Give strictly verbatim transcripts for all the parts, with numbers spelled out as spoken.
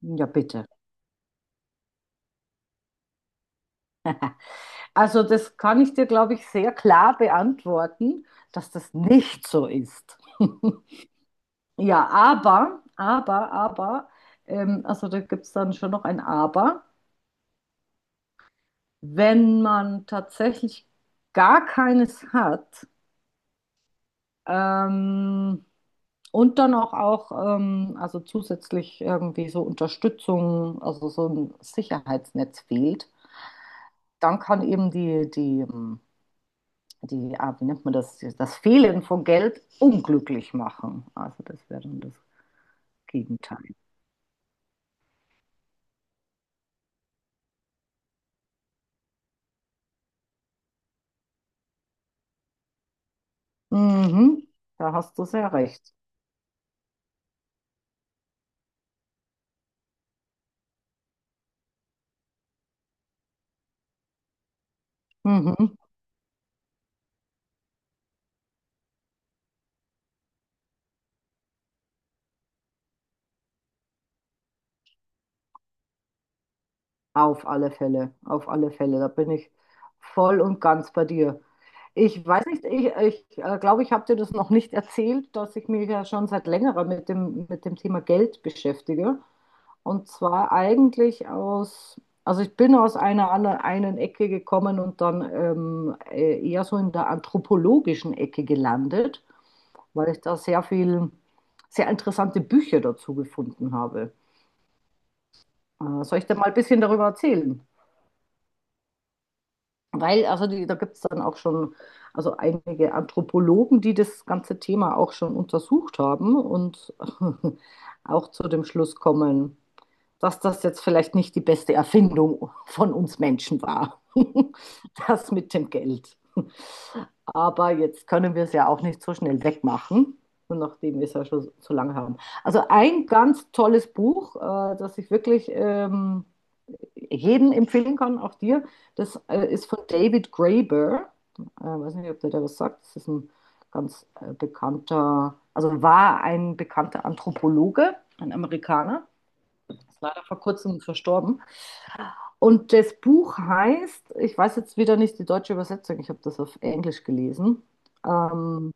Ja, bitte. Also das kann ich dir, glaube ich, sehr klar beantworten, dass das nicht so ist. Ja, aber, aber, aber, ähm, also da gibt es dann schon noch ein Aber. Wenn man tatsächlich gar keines hat, ähm, und dann auch, auch ähm, also zusätzlich irgendwie so Unterstützung, also so ein Sicherheitsnetz fehlt, dann kann eben die, die ähm, die, ah, wie nennt man das, das Fehlen von Geld unglücklich machen. Also das wäre dann das Gegenteil. Mhm, da hast du sehr recht. Mhm. Auf alle Fälle, auf alle Fälle. Da bin ich voll und ganz bei dir. Ich weiß nicht, ich glaube, ich, äh, glaub, ich habe dir das noch nicht erzählt, dass ich mich ja schon seit längerer mit dem, mit dem Thema Geld beschäftige. Und zwar eigentlich aus, also ich bin aus einer anderen einen Ecke gekommen und dann ähm, äh, eher so in der anthropologischen Ecke gelandet, weil ich da sehr viel, sehr interessante Bücher dazu gefunden habe. Äh, soll ich dir mal ein bisschen darüber erzählen? Weil, also die, da gibt es dann auch schon, also einige Anthropologen, die das ganze Thema auch schon untersucht haben und auch zu dem Schluss kommen, dass das jetzt vielleicht nicht die beste Erfindung von uns Menschen war, das mit dem Geld. Aber jetzt können wir es ja auch nicht so schnell wegmachen, nachdem wir es ja schon so lange haben. Also ein ganz tolles Buch, äh, das ich wirklich ähm, jedem empfehlen kann, auch dir. Das äh, ist von David Graeber. Ich äh, weiß nicht, ob der da was sagt. Das ist ein ganz äh, bekannter, also war ein bekannter Anthropologe, ein Amerikaner. Ist leider vor kurzem verstorben. Und das Buch heißt, ich weiß jetzt wieder nicht die deutsche Übersetzung, ich habe das auf Englisch gelesen. Ähm,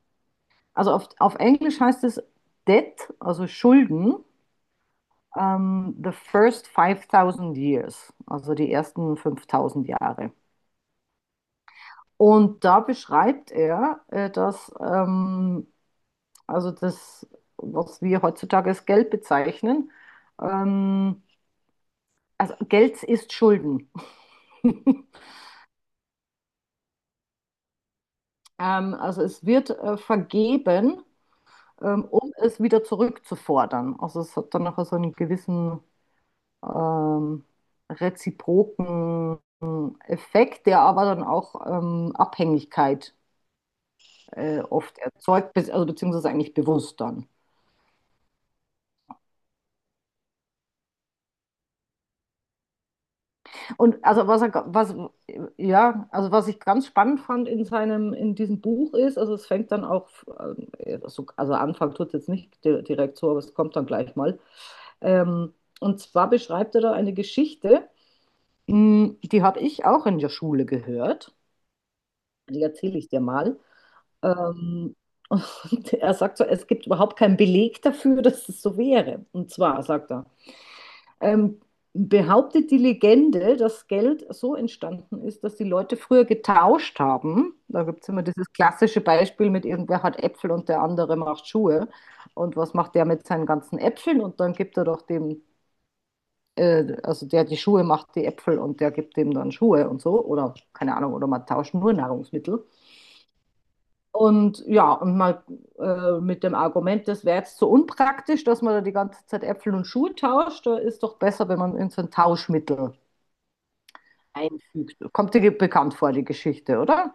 also auf, auf Englisch heißt es Debt, also Schulden, ähm, the first five thousand years, also die ersten fünftausend Jahre. Und da beschreibt er, äh, dass ähm, also das, was wir heutzutage als Geld bezeichnen, ähm, also Geld ist Schulden. Ähm, also es wird äh, vergeben, ähm, um es wieder zurückzufordern. Also es hat dann nachher so einen gewissen ähm, reziproken Effekt, der aber dann auch ähm, Abhängigkeit äh, oft erzeugt, be also beziehungsweise eigentlich bewusst dann. Und also was er, ga- was, ja, also was ich ganz spannend fand in seinem, in diesem Buch ist, also es fängt dann auch, ähm, so- also Anfang tut es jetzt nicht di- direkt so, aber es kommt dann gleich mal. Ähm, und zwar beschreibt er da eine Geschichte, mh, die habe ich auch in der Schule gehört. Die erzähle ich dir mal. Ähm, und er sagt so, es gibt überhaupt keinen Beleg dafür, dass es so wäre. Und zwar sagt er, ähm, behauptet die Legende, dass Geld so entstanden ist, dass die Leute früher getauscht haben. Da gibt es immer dieses klassische Beispiel mit irgendwer hat Äpfel und der andere macht Schuhe. Und was macht der mit seinen ganzen Äpfeln? Und dann gibt er doch dem, äh, also der die Schuhe macht, die Äpfel und der gibt dem dann Schuhe und so. Oder keine Ahnung, oder man tauscht nur Nahrungsmittel. Und ja, und mal äh, mit dem Argument, das wäre jetzt so unpraktisch, dass man da die ganze Zeit Äpfel und Schuhe tauscht, da ist doch besser, wenn man in so ein Tauschmittel einfügt. Kommt dir bekannt vor, die Geschichte, oder?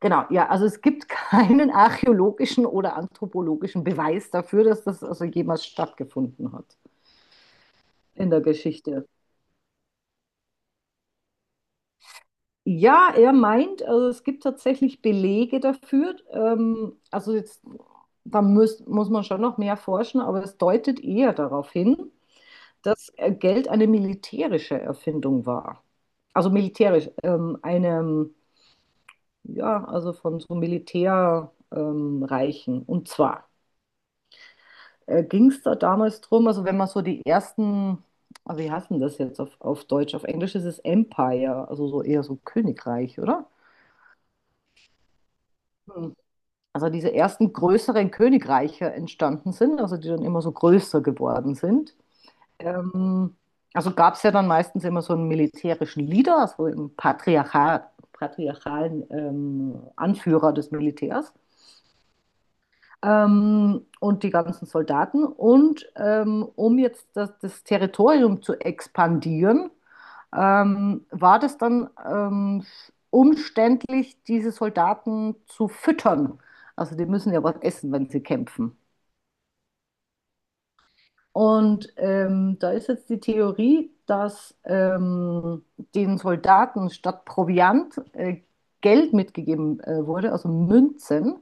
Genau, ja, also es gibt keinen archäologischen oder anthropologischen Beweis dafür, dass das also jemals stattgefunden hat in der Geschichte. Ja, er meint, also es gibt tatsächlich Belege dafür. Ähm, also jetzt, da muss, muss man schon noch mehr forschen, aber es deutet eher darauf hin, dass äh, Geld eine militärische Erfindung war. Also militärisch, ähm, eine. Ja, also von so Militärreichen. ähm, Reichen. Und zwar äh, ging es da damals drum, also wenn man so die ersten, also wie heißt denn das jetzt auf, auf, Deutsch? Auf Englisch ist es Empire, also so eher so Königreich, oder? Hm. Also diese ersten größeren Königreiche entstanden sind, also die dann immer so größer geworden sind. Ähm, also gab es ja dann meistens immer so einen militärischen Leader, also einen Patriarchat, patriarchalen ähm, Anführer des Militärs. ähm, und die ganzen Soldaten. Und ähm, um jetzt das, das Territorium zu expandieren, ähm, war das dann ähm, umständlich, diese Soldaten zu füttern. Also die müssen ja was essen, wenn sie kämpfen. Und ähm, da ist jetzt die Theorie, dass ähm, den Soldaten statt Proviant äh, Geld mitgegeben äh, wurde, also Münzen,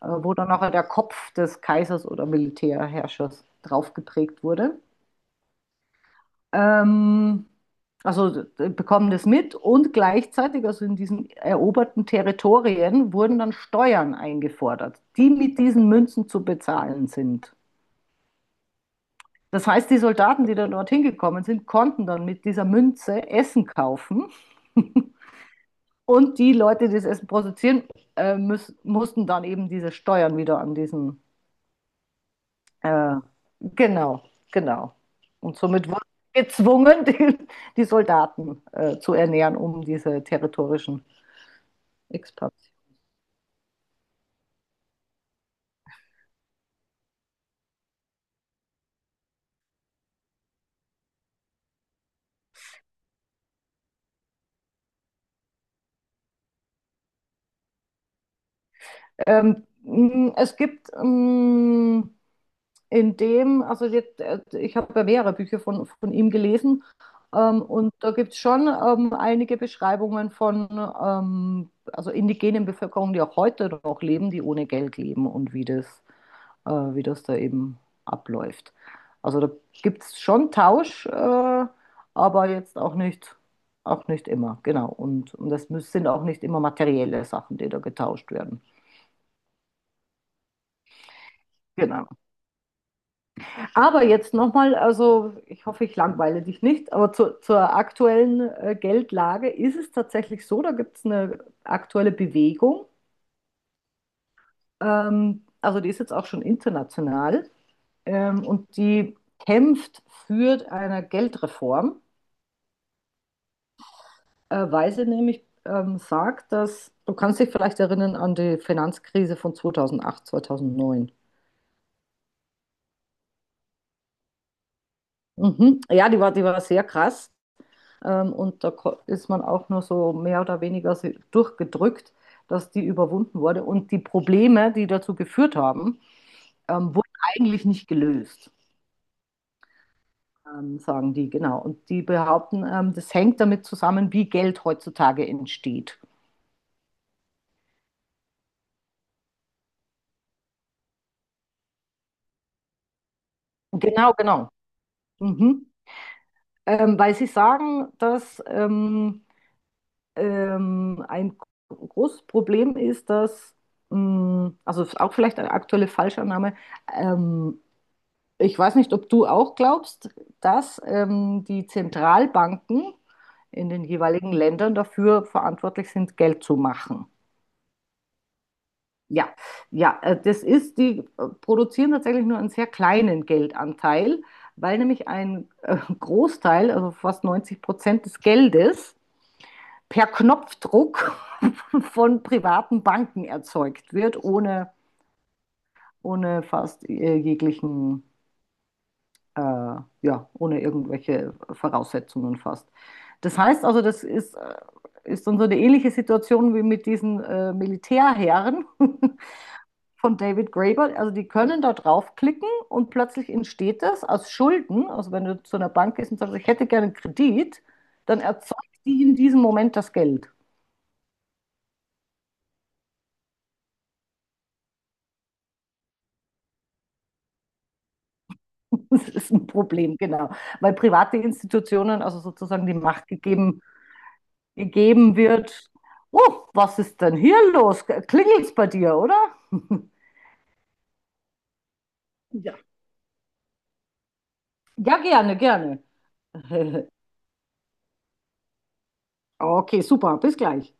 äh, wo dann nachher der Kopf des Kaisers oder Militärherrschers drauf geprägt wurde. Ähm, also äh, bekommen das mit und gleichzeitig, also in diesen eroberten Territorien, wurden dann Steuern eingefordert, die mit diesen Münzen zu bezahlen sind. Das heißt, die Soldaten, die dann dorthin gekommen sind, konnten dann mit dieser Münze Essen kaufen und die Leute, die das Essen produzieren, äh, müß, mussten dann eben diese Steuern wieder an diesen. Äh, genau, genau. Und somit wurden sie gezwungen, die, die Soldaten äh, zu ernähren, um diese territorischen Expansionen. Ähm, mh, es gibt mh, in dem, also jetzt, äh, ich habe ja mehrere Bücher von, von ihm gelesen, ähm, und da gibt es schon ähm, einige Beschreibungen von ähm, also indigenen Bevölkerungen, die auch heute noch leben, die ohne Geld leben und wie das äh, wie das da eben abläuft. Also da gibt es schon Tausch, äh, aber jetzt auch nicht, auch nicht immer, genau. Und, und das müß- sind auch nicht immer materielle Sachen, die da getauscht werden. Genau. Aber jetzt nochmal, also ich hoffe, ich langweile dich nicht, aber zu, zur aktuellen äh, Geldlage ist es tatsächlich so, da gibt es eine aktuelle Bewegung, ähm, also die ist jetzt auch schon international, ähm, und die kämpft für eine Geldreform. äh, Weise nämlich ähm, sagt, dass du kannst dich vielleicht erinnern an die Finanzkrise von zweitausendacht zweitausendneun. Mhm. Ja, die war, die war sehr krass. Ähm, und da ko- ist man auch nur so mehr oder weniger so durchgedrückt, dass die überwunden wurde. Und die Probleme, die dazu geführt haben, ähm, wurden eigentlich nicht gelöst, ähm, sagen die, genau. Und die behaupten, ähm, das hängt damit zusammen, wie Geld heutzutage entsteht. Genau, genau. Mhm. Ähm, weil sie sagen, dass ähm, Ähm, ein großes Problem ist, dass, mh, also auch vielleicht eine aktuelle Falschannahme, ähm, ich weiß nicht, ob du auch glaubst, dass ähm, die Zentralbanken in den jeweiligen Ländern dafür verantwortlich sind, Geld zu machen. Ja, ja, äh, das ist, die äh, produzieren tatsächlich nur einen sehr kleinen Geldanteil, weil nämlich ein äh, Großteil, also fast neunzig Prozent des Geldes per Knopfdruck von privaten Banken erzeugt wird, ohne, ohne fast äh, jeglichen, äh, ja, ohne irgendwelche Voraussetzungen fast. Das heißt also, das ist, äh, ist dann so eine ähnliche Situation wie mit diesen äh, Militärherren von David Graeber. Also die können da draufklicken und plötzlich entsteht das aus Schulden. Also wenn du zu einer Bank gehst und sagst, ich hätte gerne einen Kredit, dann erzeugt die in diesem Moment das Geld. Das ist ein Problem, genau. Weil private Institutionen, also sozusagen die Macht gegeben, gegeben wird. Oh, was ist denn hier los? Klingelt's bei dir, oder? Ja. Ja, gerne, gerne. Okay, super, bis gleich.